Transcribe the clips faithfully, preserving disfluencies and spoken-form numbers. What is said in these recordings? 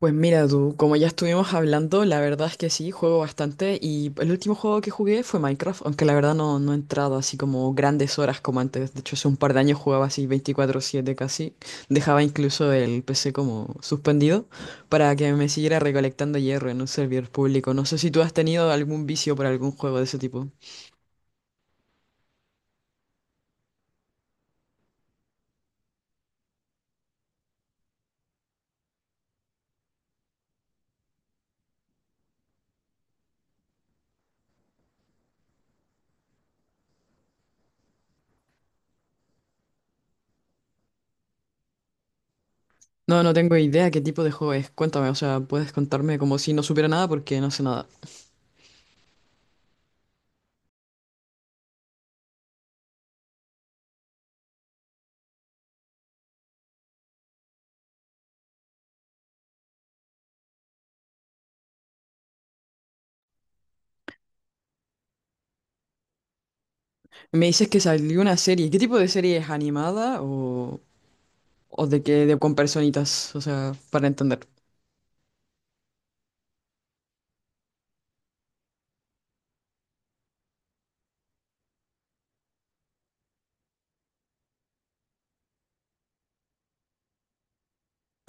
Pues mira tú, como ya estuvimos hablando, la verdad es que sí, juego bastante y el último juego que jugué fue Minecraft, aunque la verdad no, no he entrado así como grandes horas como antes. De hecho, hace un par de años jugaba así veinticuatro siete casi. Dejaba incluso el P C como suspendido para que me siguiera recolectando hierro en un servidor público. No sé si tú has tenido algún vicio por algún juego de ese tipo. No, no tengo idea qué tipo de juego es. Cuéntame, o sea, puedes contarme como si no supiera nada porque no sé nada. Me dices que salió una serie. ¿Qué tipo de serie es animada o...? O de que de con personitas, o sea, para entender.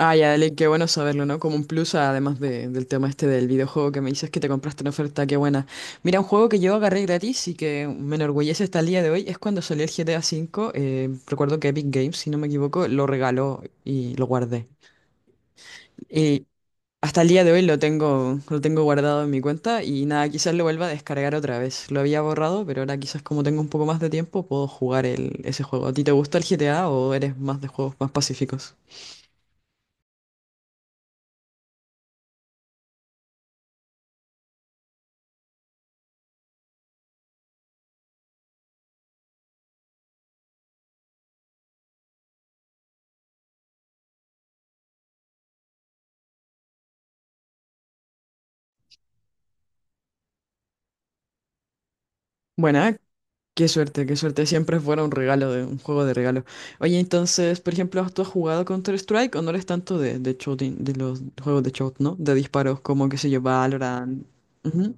Ah, ya, dale, qué bueno saberlo, ¿no? Como un plus, además de- del tema este del videojuego que me dices que te compraste en oferta, qué buena. Mira, un juego que yo agarré gratis y que me enorgullece hasta el día de hoy es cuando salió el G T A cinco. Eh, recuerdo que Epic Games, si no me equivoco, lo regaló y lo guardé. Y Hasta el día de hoy lo tengo, lo tengo guardado en mi cuenta y nada, quizás lo vuelva a descargar otra vez. Lo había borrado, pero ahora quizás como tengo un poco más de tiempo puedo jugar el, ese juego. ¿A ti te gusta el G T A o eres más de juegos más pacíficos? Buena, qué suerte, qué suerte. Siempre fuera un regalo, de, un juego de regalo. Oye, entonces, por ejemplo, ¿tú has jugado Counter-Strike o no eres tanto de, de shooting, de los juegos de shot, ¿no? De disparos como, qué sé yo, Valorant. Ujú.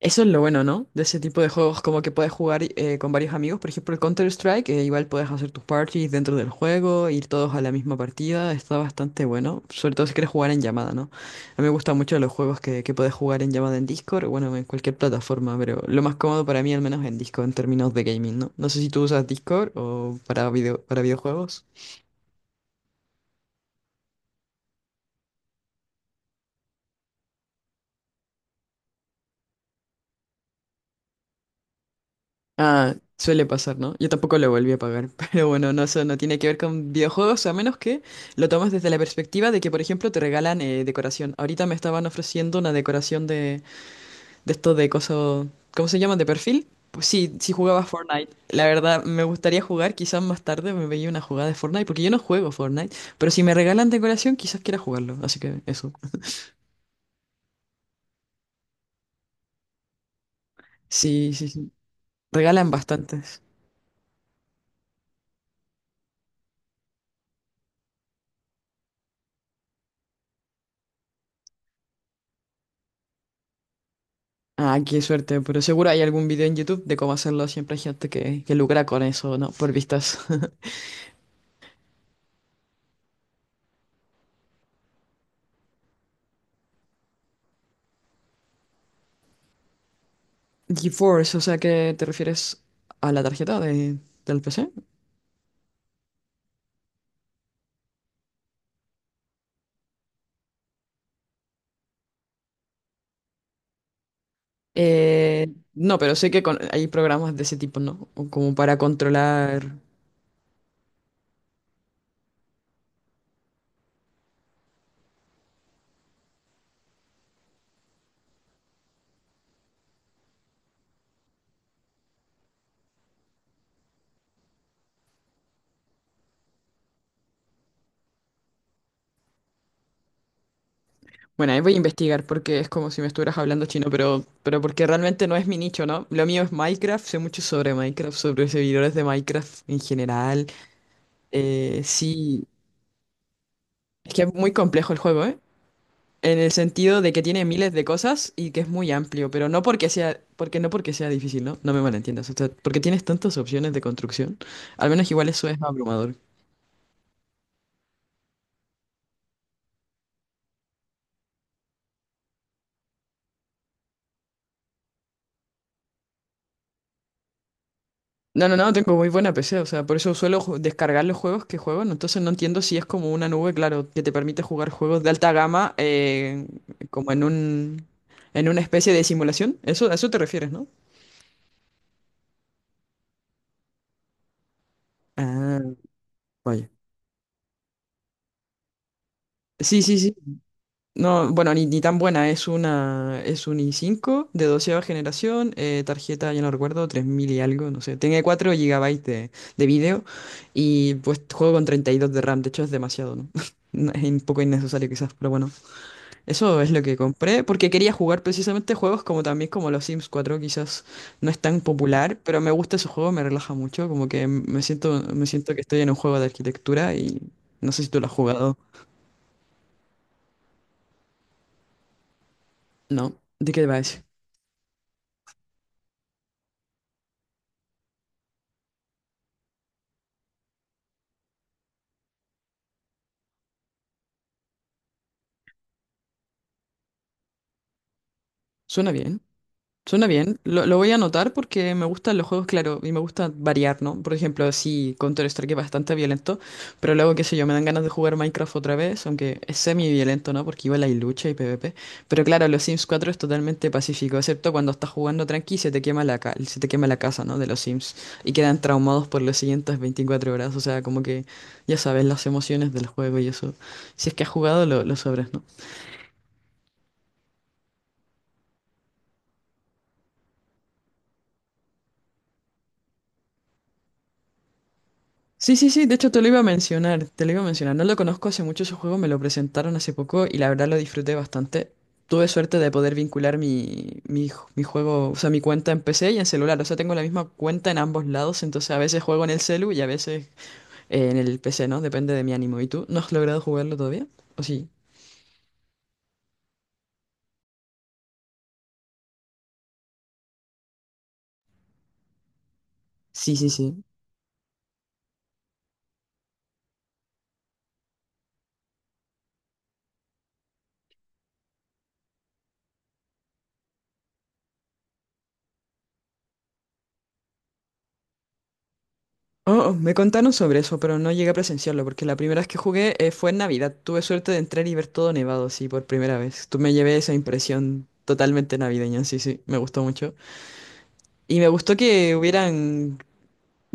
Eso es lo bueno, ¿no? De ese tipo de juegos, como que puedes jugar eh, con varios amigos. Por ejemplo, el Counter-Strike, eh, igual puedes hacer tus parties dentro del juego, ir todos a la misma partida. Está bastante bueno, sobre todo si quieres jugar en llamada, ¿no? A mí me gustan mucho los juegos que, que puedes jugar en llamada en Discord, o bueno, en cualquier plataforma, pero lo más cómodo para mí, al menos en Discord, en términos de gaming, ¿no? No sé si tú usas Discord o para video, para videojuegos. Ah, suele pasar, ¿no? Yo tampoco lo volví a pagar, pero bueno, no, eso no tiene que ver con videojuegos, a menos que lo tomes desde la perspectiva de que, por ejemplo, te regalan eh, decoración. Ahorita me estaban ofreciendo una decoración de, de esto de coso, ¿cómo se llaman? ¿De perfil? Pues sí, sí jugaba Fortnite. La verdad, me gustaría jugar, quizás más tarde me veía una jugada de Fortnite, porque yo no juego Fortnite, pero si me regalan decoración, quizás quiera jugarlo, así que eso. Sí, sí, sí. Regalan bastante. Ah, qué suerte, pero seguro hay algún video en YouTube de cómo hacerlo. Siempre hay gente que, que lucra con eso, ¿no? Por vistas. GeForce, o sea, ¿qué te refieres a la tarjeta de, del P C? Eh, no, pero sé que con- hay programas de ese tipo, ¿no? O Como para controlar. Bueno, ahí voy a investigar porque es como si me estuvieras hablando chino, pero, pero porque realmente no es mi nicho, ¿no? Lo mío es Minecraft, sé mucho sobre Minecraft, sobre servidores de Minecraft en general. Eh, sí, es que es muy complejo el juego, ¿eh? En el sentido de que tiene miles de cosas y que es muy amplio, pero no porque sea, porque no porque sea difícil, ¿no? No me malentiendas. O sea, porque tienes tantas opciones de construcción. Al menos igual eso es abrumador. No, no, no, tengo muy buena P C, o sea, por eso suelo ju- descargar los juegos que juego, ¿no? Entonces no entiendo si es como una nube, claro, que te permite jugar juegos de alta gama eh, como en un en una especie de simulación. Eso, a eso te refieres, ¿no? Ah, vaya. Sí, sí, sí. No, bueno, ni, ni tan buena, es una, es un i cinco de doceava generación, eh, tarjeta, ya no recuerdo, tres mil y algo, no sé, tiene cuatro gigabytes de, de vídeo y pues juego con treinta y dos de RAM, de hecho es demasiado, ¿no? No, Es un poco innecesario quizás, pero bueno, eso es lo que compré porque quería jugar precisamente juegos como también como los Sims cuatro, quizás no es tan popular, pero me gusta ese juego, me relaja mucho, como que me siento, me siento que estoy en un juego de arquitectura y no sé si tú lo has jugado. No, ¿de qué va ese? Suena bien. Suena bien, lo, lo voy a anotar porque me gustan los juegos, claro, y me gusta variar, ¿no? Por ejemplo, sí, Counter-Strike es bastante violento, pero luego, qué sé yo, me dan ganas de jugar Minecraft otra vez, aunque es semi-violento, ¿no? Porque igual hay lucha y PvP. Pero claro, los Sims cuatro es totalmente pacífico, excepto cuando estás jugando tranqui y se te quema la ca- se te quema la casa, ¿no? De los Sims y quedan traumados por las siguientes veinticuatro horas, o sea, como que ya sabes las emociones del juego y eso. Si es que has jugado, lo, lo sabrás, ¿no? Sí, sí, sí, de hecho te lo iba a mencionar, te lo iba a mencionar. No lo conozco hace mucho ese juego, me lo presentaron hace poco y la verdad lo disfruté bastante. Tuve suerte de poder vincular mi, mi, ju- mi juego, o sea, mi cuenta en P C y en celular. O sea, tengo la misma cuenta en ambos lados, entonces a veces juego en el celu y a veces eh, en el P C, ¿no? Depende de mi ánimo. ¿Y tú? ¿No has logrado jugarlo todavía? ¿O sí? Sí, sí, sí. Oh, oh, me contaron sobre eso, pero no llegué a presenciarlo, porque la primera vez que jugué eh, fue en Navidad. Tuve suerte de entrar y ver todo nevado, sí, por primera vez. Tú me llevé esa impresión totalmente navideña, sí, sí, me gustó mucho. Y me gustó que hubieran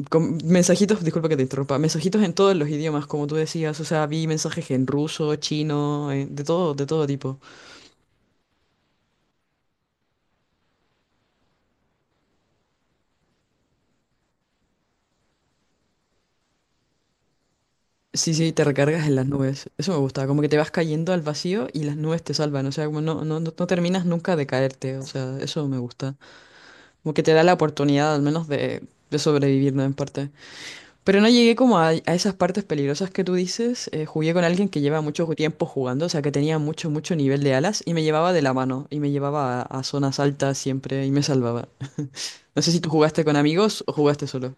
com- mensajitos, disculpa que te interrumpa, mensajitos en todos los idiomas, como tú decías, o sea, vi mensajes en ruso, chino, eh, de todo, de todo tipo. Sí, sí, te recargas en las nubes. Eso me gusta, como que te vas cayendo al vacío y las nubes te salvan, o sea, como no, no, no no terminas nunca de caerte, o sea, eso me gusta. Como que te da la oportunidad al menos de, de sobrevivir, ¿no? En parte. Pero no llegué como a, a esas partes peligrosas que tú dices. Eh, jugué con alguien que lleva mucho tiempo jugando, o sea, que tenía mucho, mucho nivel de alas y me llevaba de la mano y me llevaba a, a zonas altas siempre y me salvaba. No sé si tú jugaste con amigos o jugaste solo.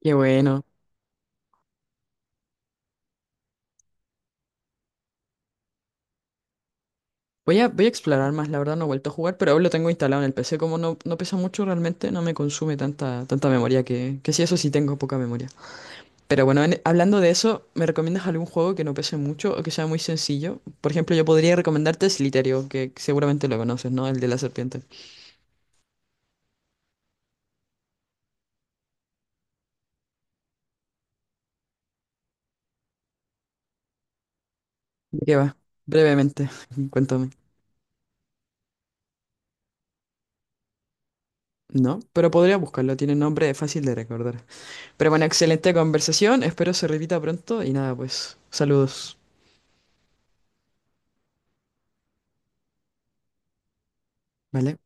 Qué bueno. Voy a, voy a explorar más, la verdad no he vuelto a jugar, pero aún lo tengo instalado en el P C. Como no, no pesa mucho realmente, no me consume tanta, tanta memoria que, que sí, eso sí tengo poca memoria. Pero bueno, en- hablando de eso, ¿me recomiendas algún juego que no pese mucho o que sea muy sencillo? Por ejemplo, yo podría recomendarte Slytherin, que seguramente lo conoces, ¿no? El de la serpiente. ¿De qué va? Brevemente, cuéntame. No, pero podría buscarlo, tiene nombre fácil de recordar. Pero bueno, excelente conversación, espero se repita pronto y nada, pues, saludos. ¿Vale?